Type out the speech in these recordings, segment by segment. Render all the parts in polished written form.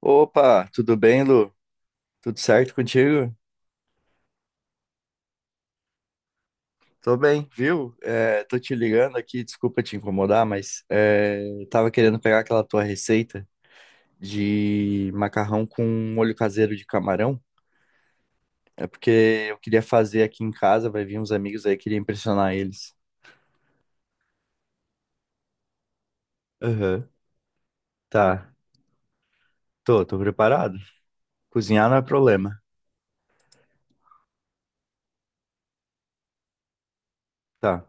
Opa, tudo bem, Lu? Tudo certo contigo? Tô bem, viu? Tô te ligando aqui, desculpa te incomodar, mas tava querendo pegar aquela tua receita de macarrão com molho caseiro de camarão. É porque eu queria fazer aqui em casa, vai vir uns amigos aí, queria impressionar eles. Aham. Tá, tô preparado. Cozinhar não é problema. Tá.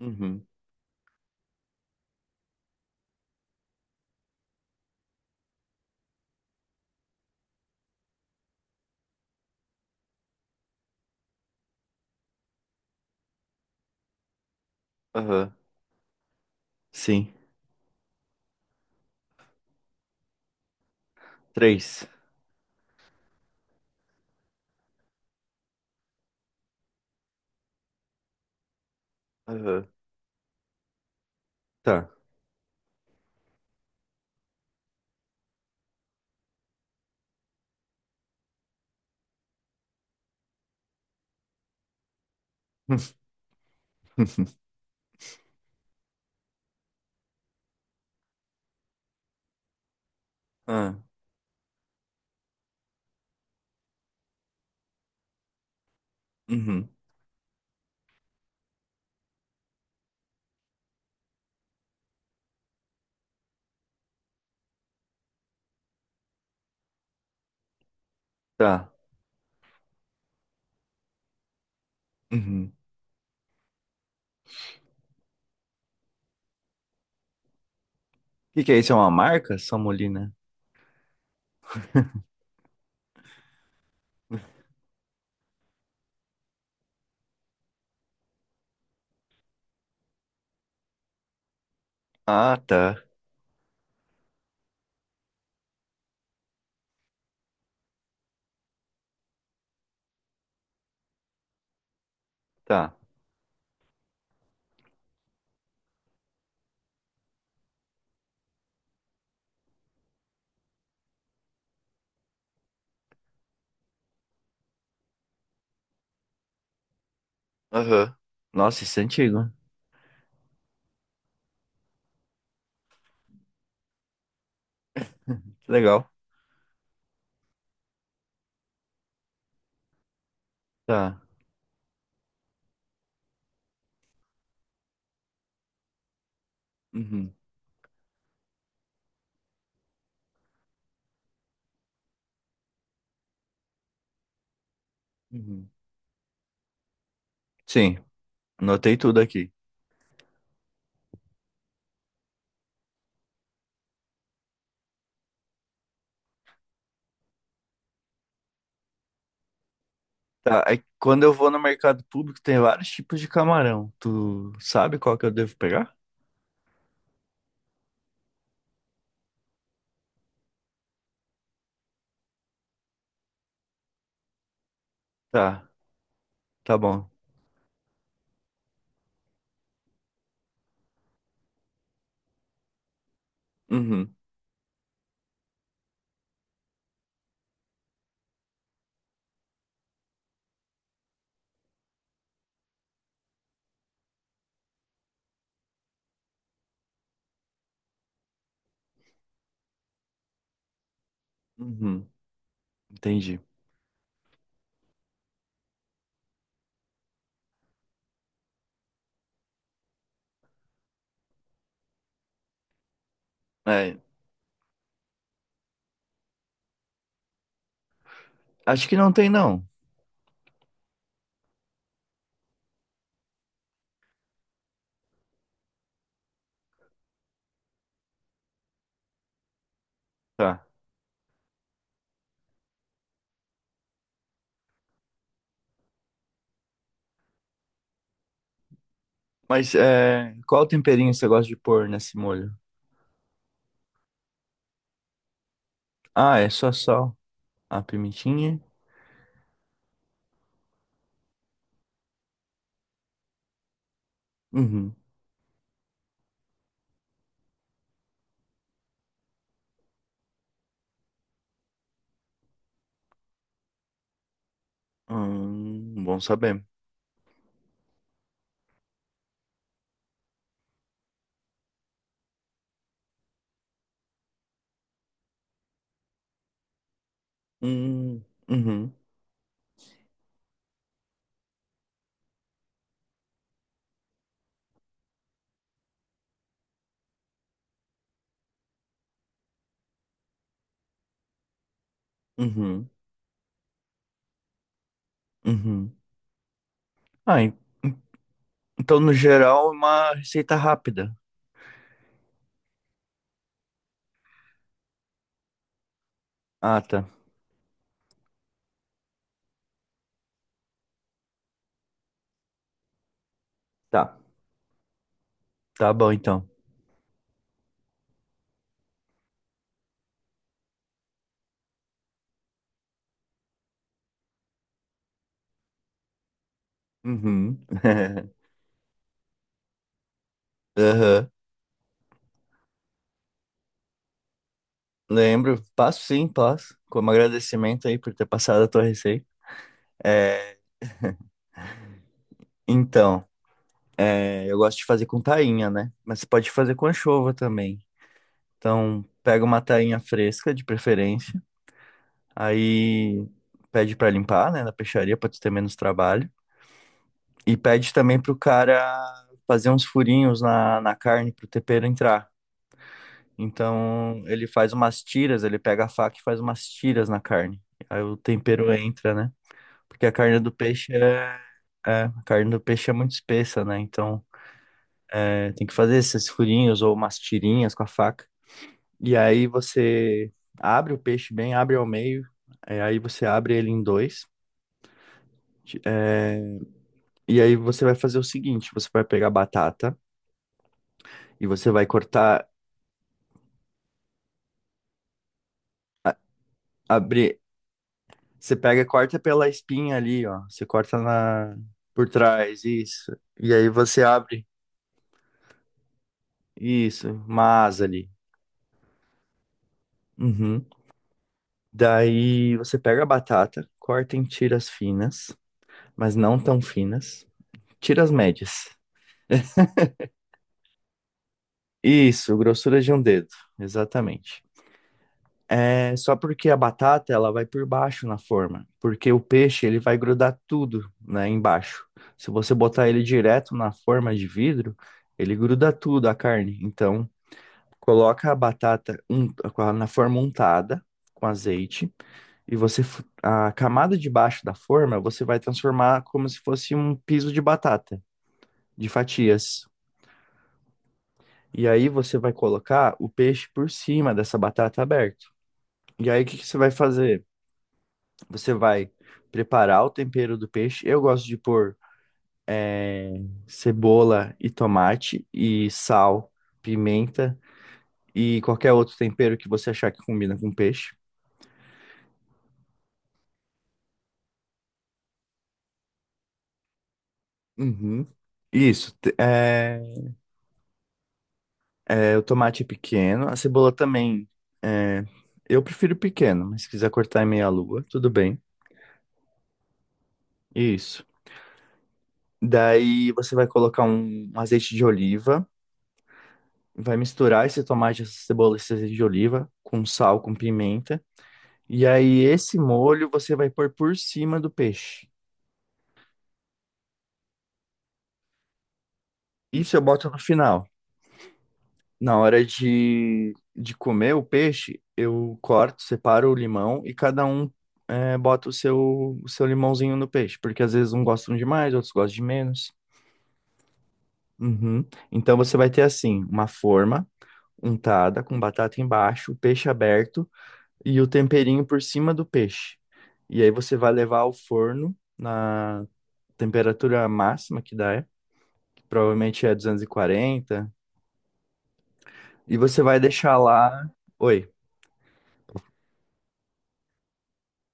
Uhum. Aham. Sim. Três. Aham. Tá. Ah, uhum. Tá. Uhum. Que é isso? É uma marca? Samolina. Ah, tá. Tá. Aham. Nossa, isso é antigo. Que legal. Tá. Uhum. Uhum. Sim, anotei tudo aqui. Tá, aí quando eu vou no mercado público tem vários tipos de camarão. Tu sabe qual que eu devo pegar? Tá, tá bom. Uhum. Uhum. Entendi. É, acho que não tem não. Tá. Mas qual temperinho você gosta de pôr nesse molho? Ah, é só sal, a pimentinha. Uhum. Bom saber. Hum, uhum, uhum, uhum. Ah, en- então no geral é uma receita rápida. Ah, tá. Tá. Tá bom então. Uhum. Aham. Lembro. Passo sim, passo. Como agradecimento aí por ter passado a tua receita. É, então, eu gosto de fazer com tainha, né? Mas você pode fazer com anchova também. Então, pega uma tainha fresca, de preferência. Aí pede pra limpar, né, na peixaria, pra tu ter menos trabalho. E pede também pro cara fazer uns furinhos na carne pro tempero entrar. Então ele faz umas tiras, ele pega a faca e faz umas tiras na carne. Aí o tempero entra, né? Porque a carne do peixe é, é, A carne do peixe é muito espessa, né? Então tem que fazer esses furinhos ou umas tirinhas com a faca. E aí você abre o peixe bem, abre ao meio, aí você abre ele em dois. É, E aí você vai fazer o seguinte, você vai pegar a batata e abrir você pega e corta pela espinha ali, ó. Você corta na Por trás, isso. E aí você abre, isso, uma asa ali. Uhum. Daí você pega a batata, corta em tiras finas, mas não tão finas. Tiras médias. Isso, grossura de um dedo, exatamente. É só porque a batata ela vai por baixo na forma, porque o peixe ele vai grudar tudo, né, embaixo. Se você botar ele direto na forma de vidro, ele gruda tudo a carne. Então coloca a batata na forma untada com azeite e você a camada de baixo da forma você vai transformar como se fosse um piso de batata, de fatias. E aí você vai colocar o peixe por cima dessa batata aberta. E aí o que que você vai fazer? Você vai preparar o tempero do peixe. Eu gosto de pôr cebola e tomate e sal, pimenta e qualquer outro tempero que você achar que combina com peixe. Uhum. Isso. O tomate é pequeno, a cebola também. é, eu prefiro pequeno, mas se quiser cortar em meia lua, tudo bem. Isso. Daí você vai colocar um azeite de oliva, vai misturar esse tomate, essa cebola, esse azeite de oliva com sal, com pimenta. E aí esse molho você vai pôr por cima do peixe. Isso eu boto no final. Na hora de comer o peixe, eu corto, separo o limão e cada um bota o seu limãozinho no peixe, porque às vezes um gostam de mais, outros gostam de menos. Uhum. Então você vai ter assim, uma forma untada com batata embaixo, o peixe aberto e o temperinho por cima do peixe. E aí você vai levar ao forno na temperatura máxima que dá, que provavelmente é 240, e você vai deixar lá. Oi.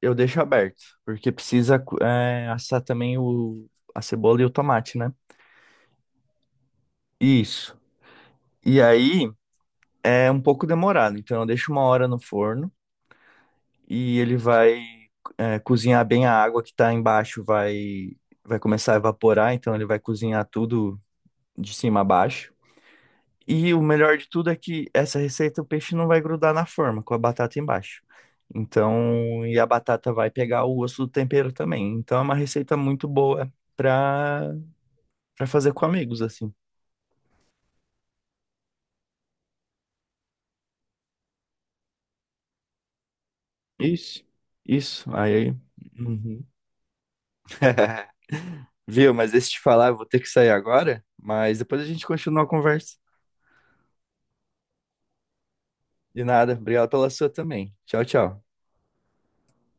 Eu deixo aberto, porque precisa assar também a cebola e o tomate, né? Isso. E aí é um pouco demorado, então eu deixo 1 hora no forno e ele vai cozinhar bem a água que tá embaixo, vai começar a evaporar, então ele vai cozinhar tudo de cima a baixo. E o melhor de tudo é que essa receita o peixe não vai grudar na forma, com a batata embaixo. Então, e a batata vai pegar o gosto do tempero também. Então é uma receita muito boa para pra fazer com amigos, assim. Isso, isso. Aí. Uhum. Viu? Mas deixa eu te falar, eu vou ter que sair agora, mas depois a gente continua a conversa. De nada. Obrigado pela sua também. Tchau, tchau.